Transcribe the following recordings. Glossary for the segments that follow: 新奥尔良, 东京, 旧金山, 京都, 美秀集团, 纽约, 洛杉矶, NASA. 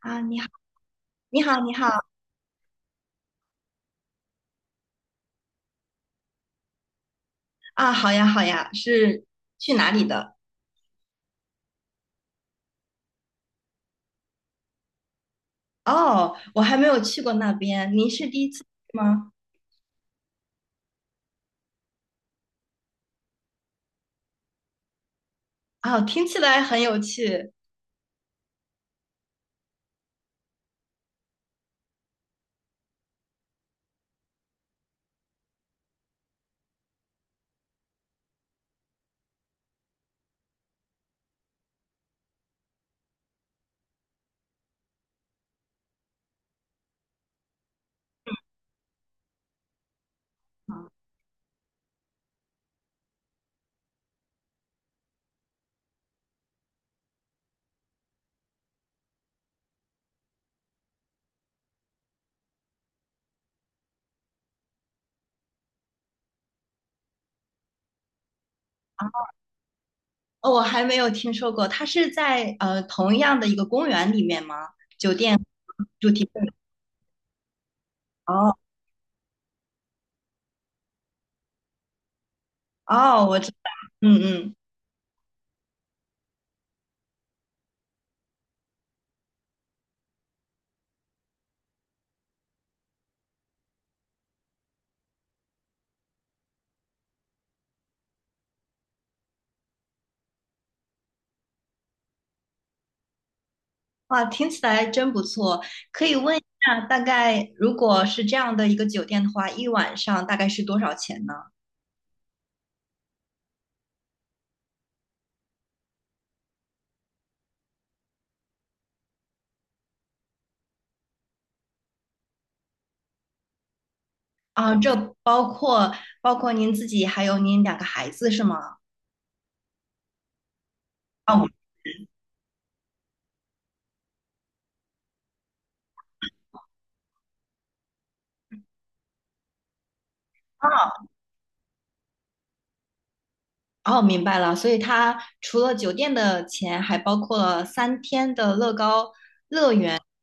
啊，你好，你好，你好啊，好呀，好呀，是去哪里的？哦，我还没有去过那边，您是第一次去吗？哦，听起来很有趣。啊哦，我还没有听说过，它是在同样的一个公园里面吗？酒店主题公园。哦哦，我知道，嗯嗯，哇，听起来真不错。可以问一下，大概如果是这样的一个酒店的话，一晚上大概是多少钱呢？啊，这包括包括您自己还有您两个孩子是吗？哦哦，明白了。所以它除了酒店的钱，还包括了三天的乐高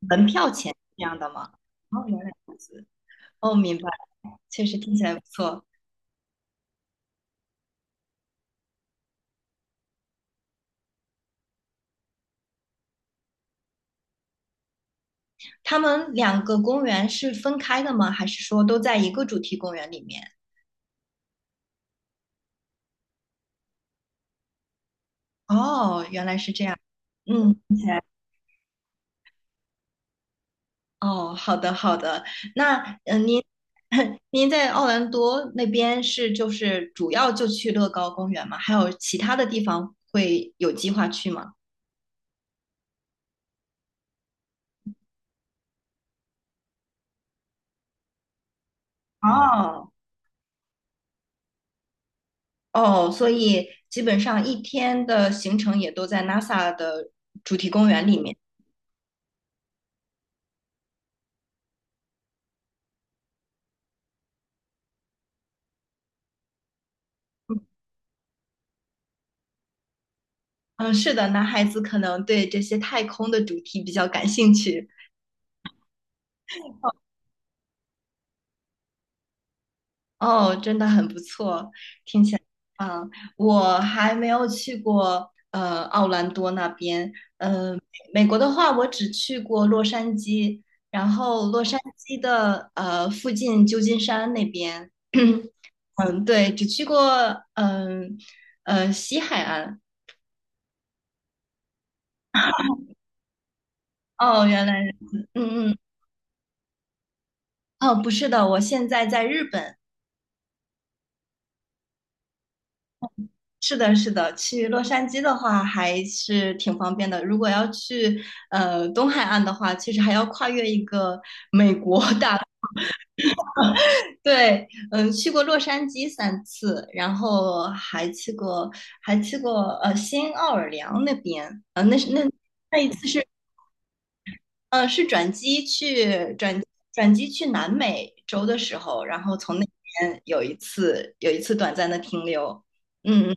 门票钱这样的吗？哦，原来如此。哦，明白了，确实听起来不错。他们两个公园是分开的吗？还是说都在一个主题公园里面？哦，原来是这样。嗯。哦，好的好的。那您 您在奥兰多那边是就是主要就去乐高公园吗？还有其他的地方会有计划去吗？哦哦，所以基本上一天的行程也都在 NASA 的主题公园里面。嗯，是的，男孩子可能对这些太空的主题比较感兴趣。哦，真的很不错。嗯，我还没有去过奥兰多那边。呃，美国的话，我只去过洛杉矶，然后洛杉矶的附近旧金山那边。嗯，对，只去过嗯西海岸。哦，原来如此。嗯嗯，哦，不是的，我现在在日本。是的，是的，去洛杉矶的话还是挺方便的。如果要去东海岸的话，其实还要跨越一个美国 大。对，嗯，去过洛杉矶三次，然后还去过，还去过新奥尔良那边，那一次是，呃，是转机去转转机去南美洲的时候，然后从那边有一次短暂的停留，嗯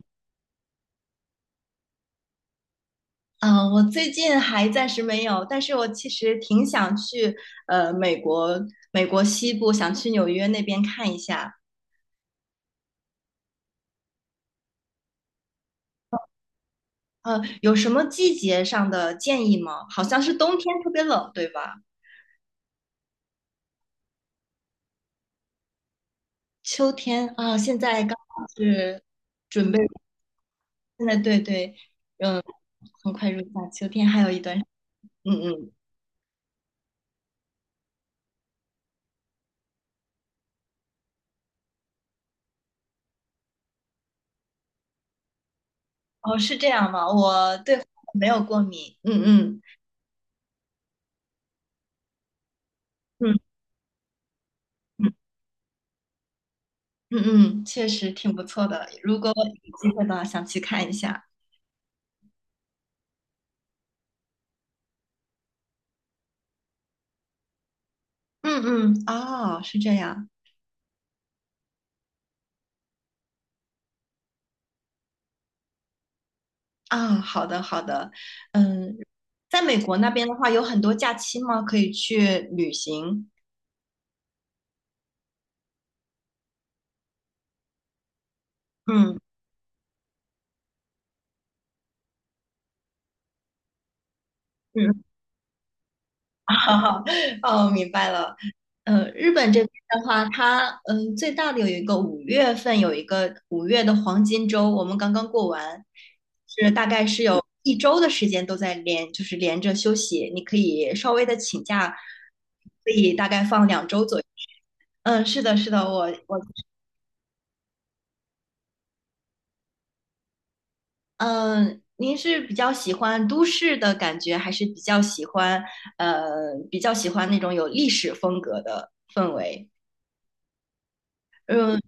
我最近还暂时没有，但是我其实挺想去呃美国美国西部，想去纽约那边看一下。呃，有什么季节上的建议吗？好像是冬天特别冷，对吧？秋天啊，现在刚好是准备，现在对对，很快入夏，秋天还有一段时，嗯嗯，哦，是这样吗？我对花没有过敏，嗯嗯嗯嗯嗯嗯，确实挺不错的。如果有机会的话，想去看一下。嗯嗯，哦，是这样啊，好的好的，嗯，在美国那边的话，有很多假期吗？可以去旅行。嗯。嗯嗯 哈哈，哦，明白了。呃，日本这边的话，它最大的有一个五月份有一个五月的黄金周，我们刚刚过完，是大概是有一周的时间都在连，就是连着休息，你可以稍微的请假，可以大概放两周左右。嗯，是的，是的，我嗯，您是比较喜欢都市的感觉，还是比较喜欢那种有历史风格的氛围？嗯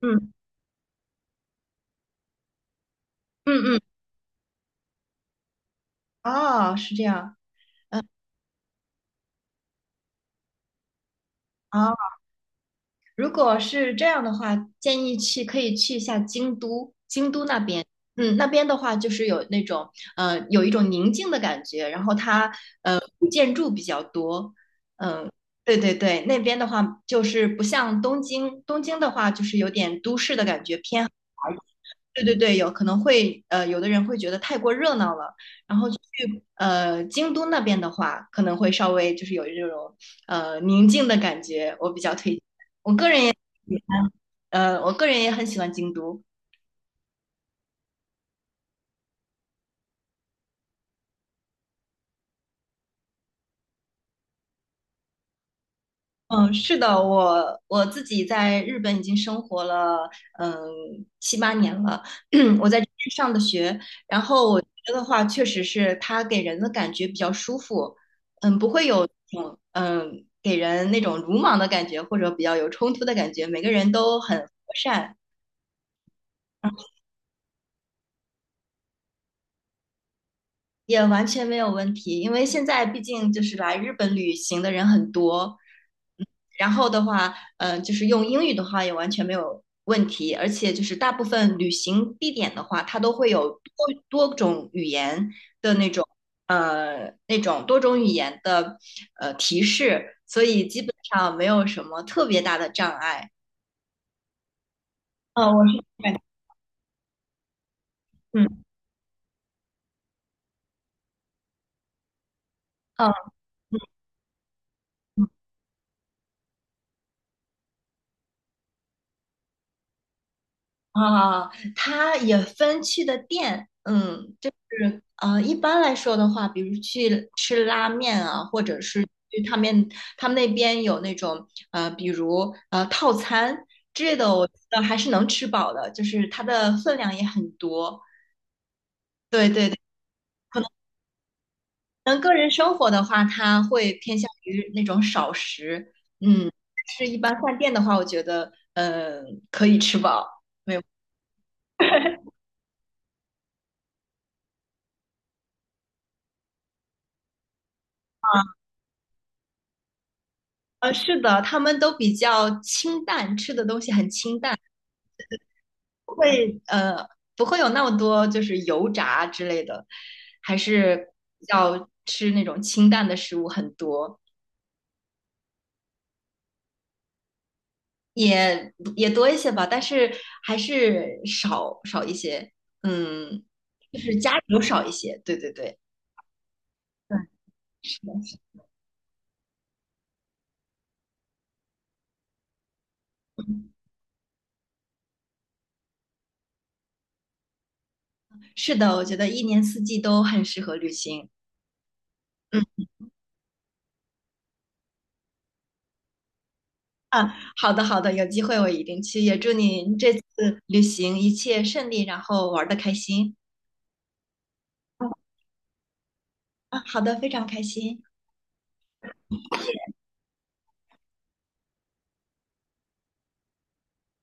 嗯嗯嗯。哦，是这样啊。哦如果是这样的话，建议去可以去一下京都，京都那边，嗯，那边的话就是有那种有一种宁静的感觉，然后它古建筑比较多，嗯，对对对，那边的话就是不像东京，东京的话就是有点都市的感觉偏。对对对，有可能有的人会觉得太过热闹了，然后去京都那边的话，可能会稍微就是有这种宁静的感觉，我比较推荐。呃，我个人也很喜欢京都。嗯，是的，我自己在日本已经生活了，嗯，七八年了。我在这边上的学，然后我觉得的话，确实是它给人的感觉比较舒服，嗯，不会有那种嗯给人那种鲁莽的感觉，或者比较有冲突的感觉。每个人都很和善，也完全没有问题，因为现在毕竟就是来日本旅行的人很多，嗯然后的话，就是用英语的话也完全没有问题，而且就是大部分旅行地点的话，它都会有多种语言的那种，那种多种语言的提示，所以基本上没有什么特别大的障碍。嗯，我是，嗯，嗯，嗯。啊，它也分去的店，嗯，一般来说的话，比如去吃拉面啊，或者是去他们那边有那种比如套餐之类的，我觉得还是能吃饱的，就是它的分量也很多。对对对，可能可能个人生活的话，它会偏向于那种少食，嗯，但是一般饭店的话，我觉得可以吃饱，没有。呃，是的，他们都比较清淡，吃的东西很清淡，不会呃不会有那么多就是油炸之类的，还是要吃那种清淡的食物很多，也多一些吧，但是还是少一些，嗯，就是加油少一些，对对对，对，是的，是的，我觉得一年四季都很适合旅行。嗯。啊，好的好的，有机会我一定去，也祝您这次旅行一切顺利，然后玩的开心。啊，好的，非常开心。